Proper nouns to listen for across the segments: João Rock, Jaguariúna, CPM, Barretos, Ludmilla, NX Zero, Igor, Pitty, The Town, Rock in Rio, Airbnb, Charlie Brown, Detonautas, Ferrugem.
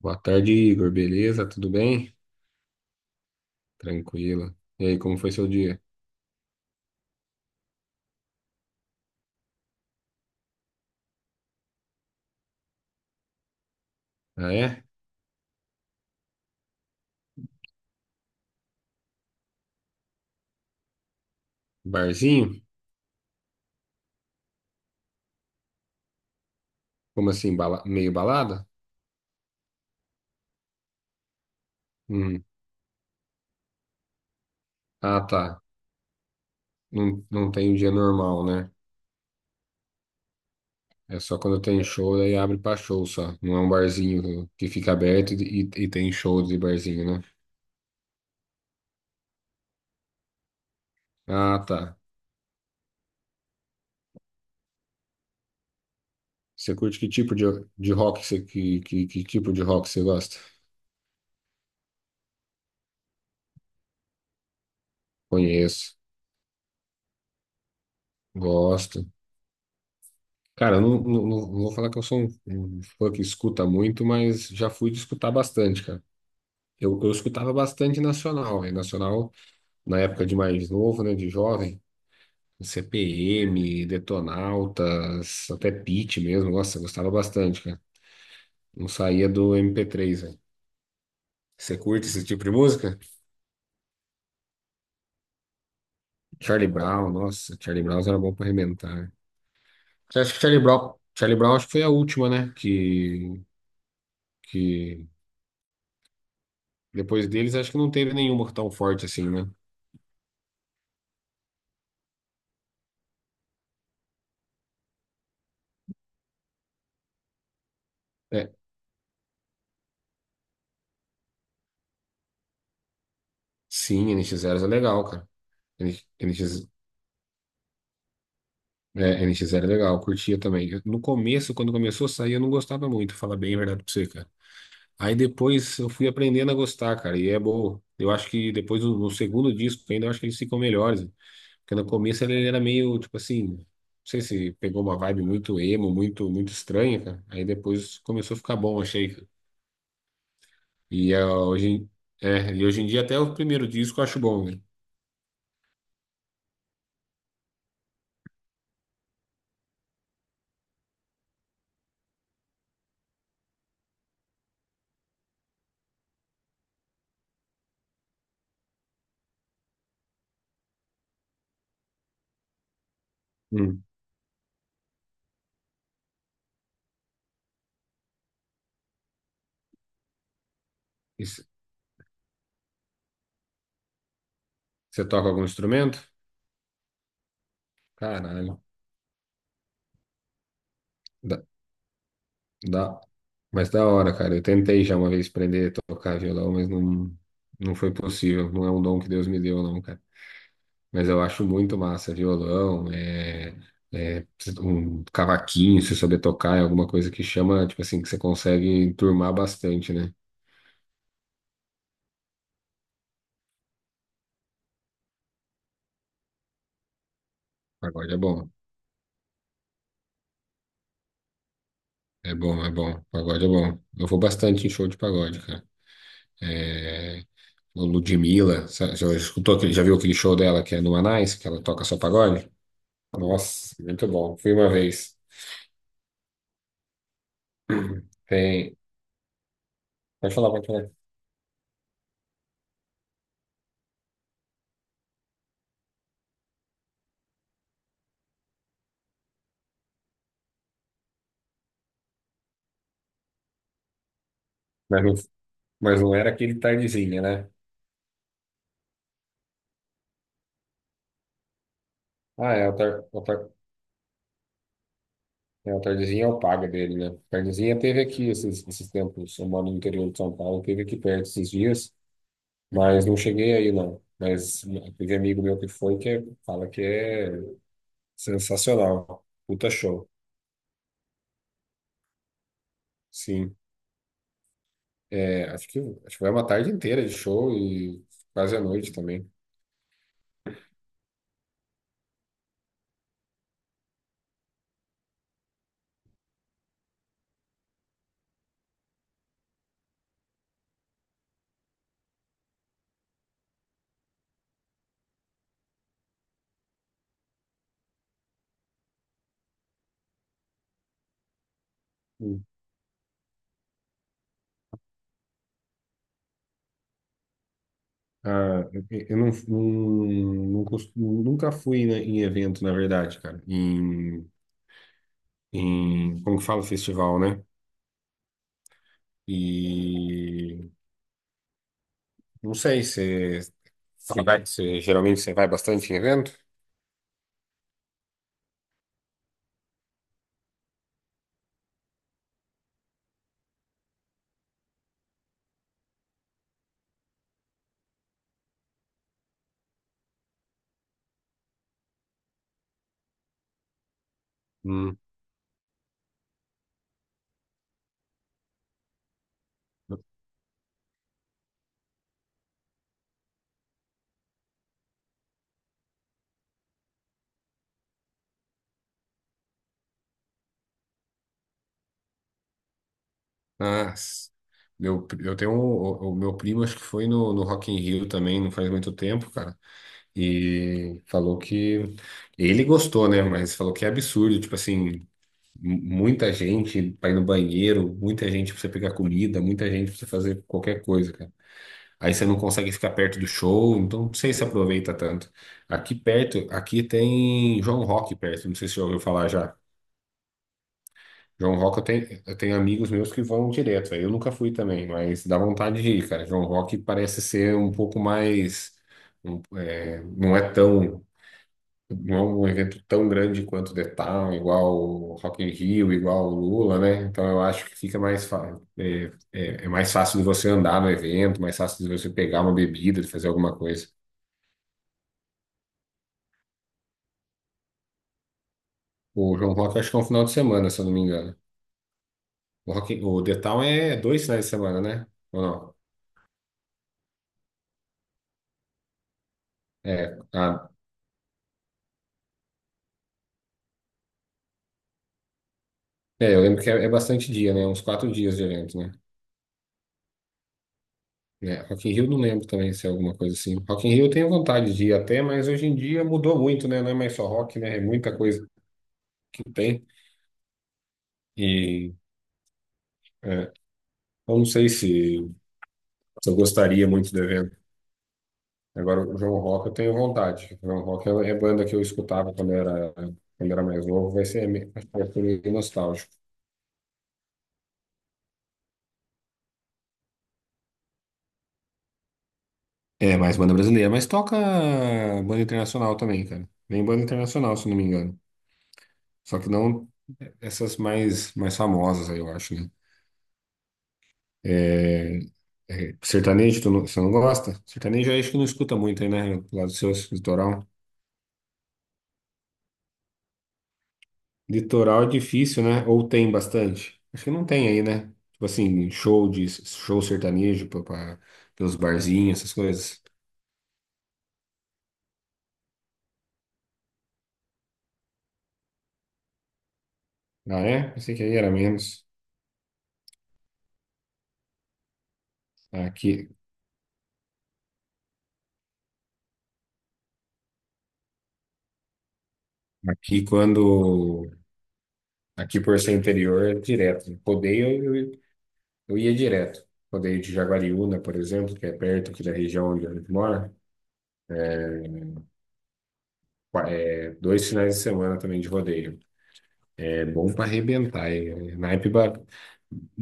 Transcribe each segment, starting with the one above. Boa tarde, Igor. Beleza? Tudo bem? Tranquilo. E aí, como foi seu dia? Ah, é? Barzinho? Como assim? Meio balada? Hum. Ah, tá. Não, não tem um dia normal, né? É só quando tem show, aí abre pra show só. Não é um barzinho que fica aberto e tem show de barzinho, né? Ah, tá. Você curte que tipo de rock você, que tipo de rock você gosta? Conheço. Gosto. Cara, eu vou falar que eu sou um fã que escuta muito, mas já fui de escutar bastante, cara. Eu escutava bastante nacional, e nacional na época de mais novo, né, de jovem, CPM, Detonautas, até Pitty mesmo, nossa, eu gostava bastante, cara. Não saía do MP3 velho. Você curte esse tipo de música? Charlie Brown, nossa, Charlie Brown era bom pra arrebentar, né? Você acha que Charlie Brown, Charlie Brown acho que foi a última, né, que depois deles acho que não teve nenhuma tão forte assim, né? É, sim, N nx zero é legal, cara. N NX, nx zero é legal, eu curtia também. No começo, quando começou a sair, eu não gostava muito, falar bem a verdade pra você, cara. Aí depois eu fui aprendendo a gostar, cara, e é bom. Eu acho que depois, no segundo disco ainda, eu acho que eles ficam melhores. Porque no começo ele era meio, tipo assim, não sei se pegou uma vibe muito emo, muito, muito estranha, cara. Aí depois começou a ficar bom, achei, cara. E, é, hoje, em- e hoje em dia até o primeiro disco eu acho bom, né? Hum. E c- Você toca algum instrumento? Caralho. Da, da, mas da hora, cara. Eu tentei já uma vez aprender a tocar violão, mas não, não foi possível. Não é um dom que Deus me deu, não, cara. Mas eu acho muito massa violão, é um cavaquinho, se souber tocar, é alguma coisa que chama, tipo assim, que você consegue enturmar bastante, né? Pagode é bom. É bom, é bom. Pagode é bom. Eu vou bastante em show de pagode, cara. É, o Ludmilla, sabe, já escutou, já viu aquele show dela que é no Anais, que ela toca só pagode? Nossa, muito bom. Fui uma vez. Tem. Pode falar, pode falar. Mas não, mas não era aquele tardezinha, né? Ah, o tardezinha é o paga dele, né? Tardezinha teve aqui esses tempos. Eu moro no interior de São Paulo, teve aqui perto esses dias, mas não cheguei aí, não. Mas teve amigo meu que foi fala que é sensacional. Puta show. Sim. É, acho que foi uma tarde inteira de show e quase a noite também. Ah, eu não, não, nunca fui, né, em evento, na verdade, cara. Como que fala, festival, né? E não sei se geralmente você vai bastante em evento? Hum. Ah, eu tenho o meu primo, acho que foi no Rock in Rio também, não faz muito tempo, cara. E falou que ele gostou, né? Mas falou que é absurdo, tipo assim. Muita gente pra ir no banheiro, muita gente pra você pegar comida, muita gente pra você fazer qualquer coisa, cara. Aí você não consegue ficar perto do show, então não sei se aproveita tanto. Aqui perto, aqui tem João Rock perto, não sei se você já ouviu falar já. João Rock eu tenho, amigos meus que vão direto, aí eu nunca fui também, mas dá vontade de ir, cara. João Rock parece ser um pouco mais, um- é, não é tão não é um evento tão grande quanto o The Town, igual o Rock in Rio, igual o Lula, né? Então eu acho que fica mais fácil. É mais fácil de você andar no evento, mais fácil de você pegar uma bebida, de fazer alguma coisa. O João Rock acho que é um final de semana, se eu não me engano. O The Town é 2 finais de semana, né? Ou não? É, ah, eu lembro que é bastante dia, né? Uns 4 dias de evento, né? É, Rock in Rio não lembro também se é alguma coisa assim. Rock in Rio eu tenho vontade de ir até, mas hoje em dia mudou muito, né? Não é mais só rock, né? É muita coisa que tem. E é, eu não sei se eu gostaria muito do evento. Agora, o João Rock eu tenho vontade. O João Rock é banda que eu escutava quando era mais novo, acho que vai ser meio nostálgico. É, mais banda brasileira, mas toca banda internacional também, cara. Vem banda internacional, se não me engano. Só que não essas mais famosas aí, eu acho, né? É, sertanejo, tu não, você não gosta? Sertanejo eu acho que não escuta muito aí, né? Lá do seu litoral. Litoral é difícil, né? Ou tem bastante? Acho que não tem aí, né? Tipo assim, show de show sertanejo pelos barzinhos, essas coisas. Ah, é? Pensei que aí era menos. Aqui, aqui quando. Aqui por ser interior é direto. Rodeio, eu ia direto. Rodeio de Jaguariúna, por exemplo, que é perto aqui da região onde a gente mora. 2 finais de semana também de rodeio. É bom pra arrebentar.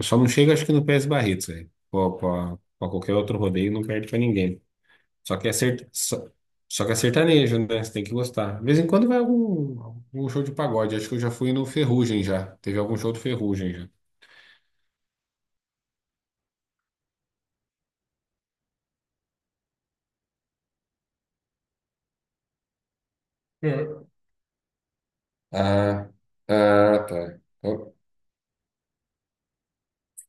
Só não chega, acho que no PS Barretos, velho. Pô, Pra qualquer outro rodeio, não perde pra ninguém. Só que é cert... só... Só que é sertanejo, né? Você tem que gostar. De vez em quando vai algum show de pagode. Acho que eu já fui no Ferrugem já. Teve algum show do Ferrugem já. É. Ah, ah, tá.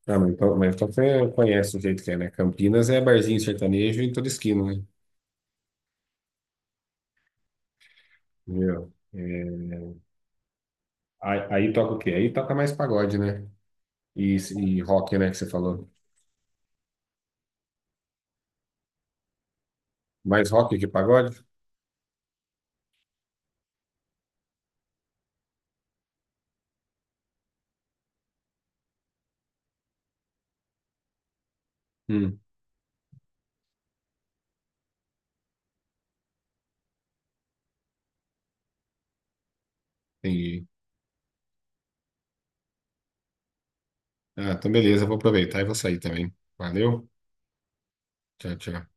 Ah, mas então você conhece o jeito que é, né? Campinas é barzinho sertanejo em toda esquina, né? Viu? Aí toca o quê? Aí toca mais pagode, né? E rock, né, que você falou. Mais rock que pagode? Entendi. Ah, então beleza, eu vou aproveitar e vou sair também. Valeu. Tchau, tchau.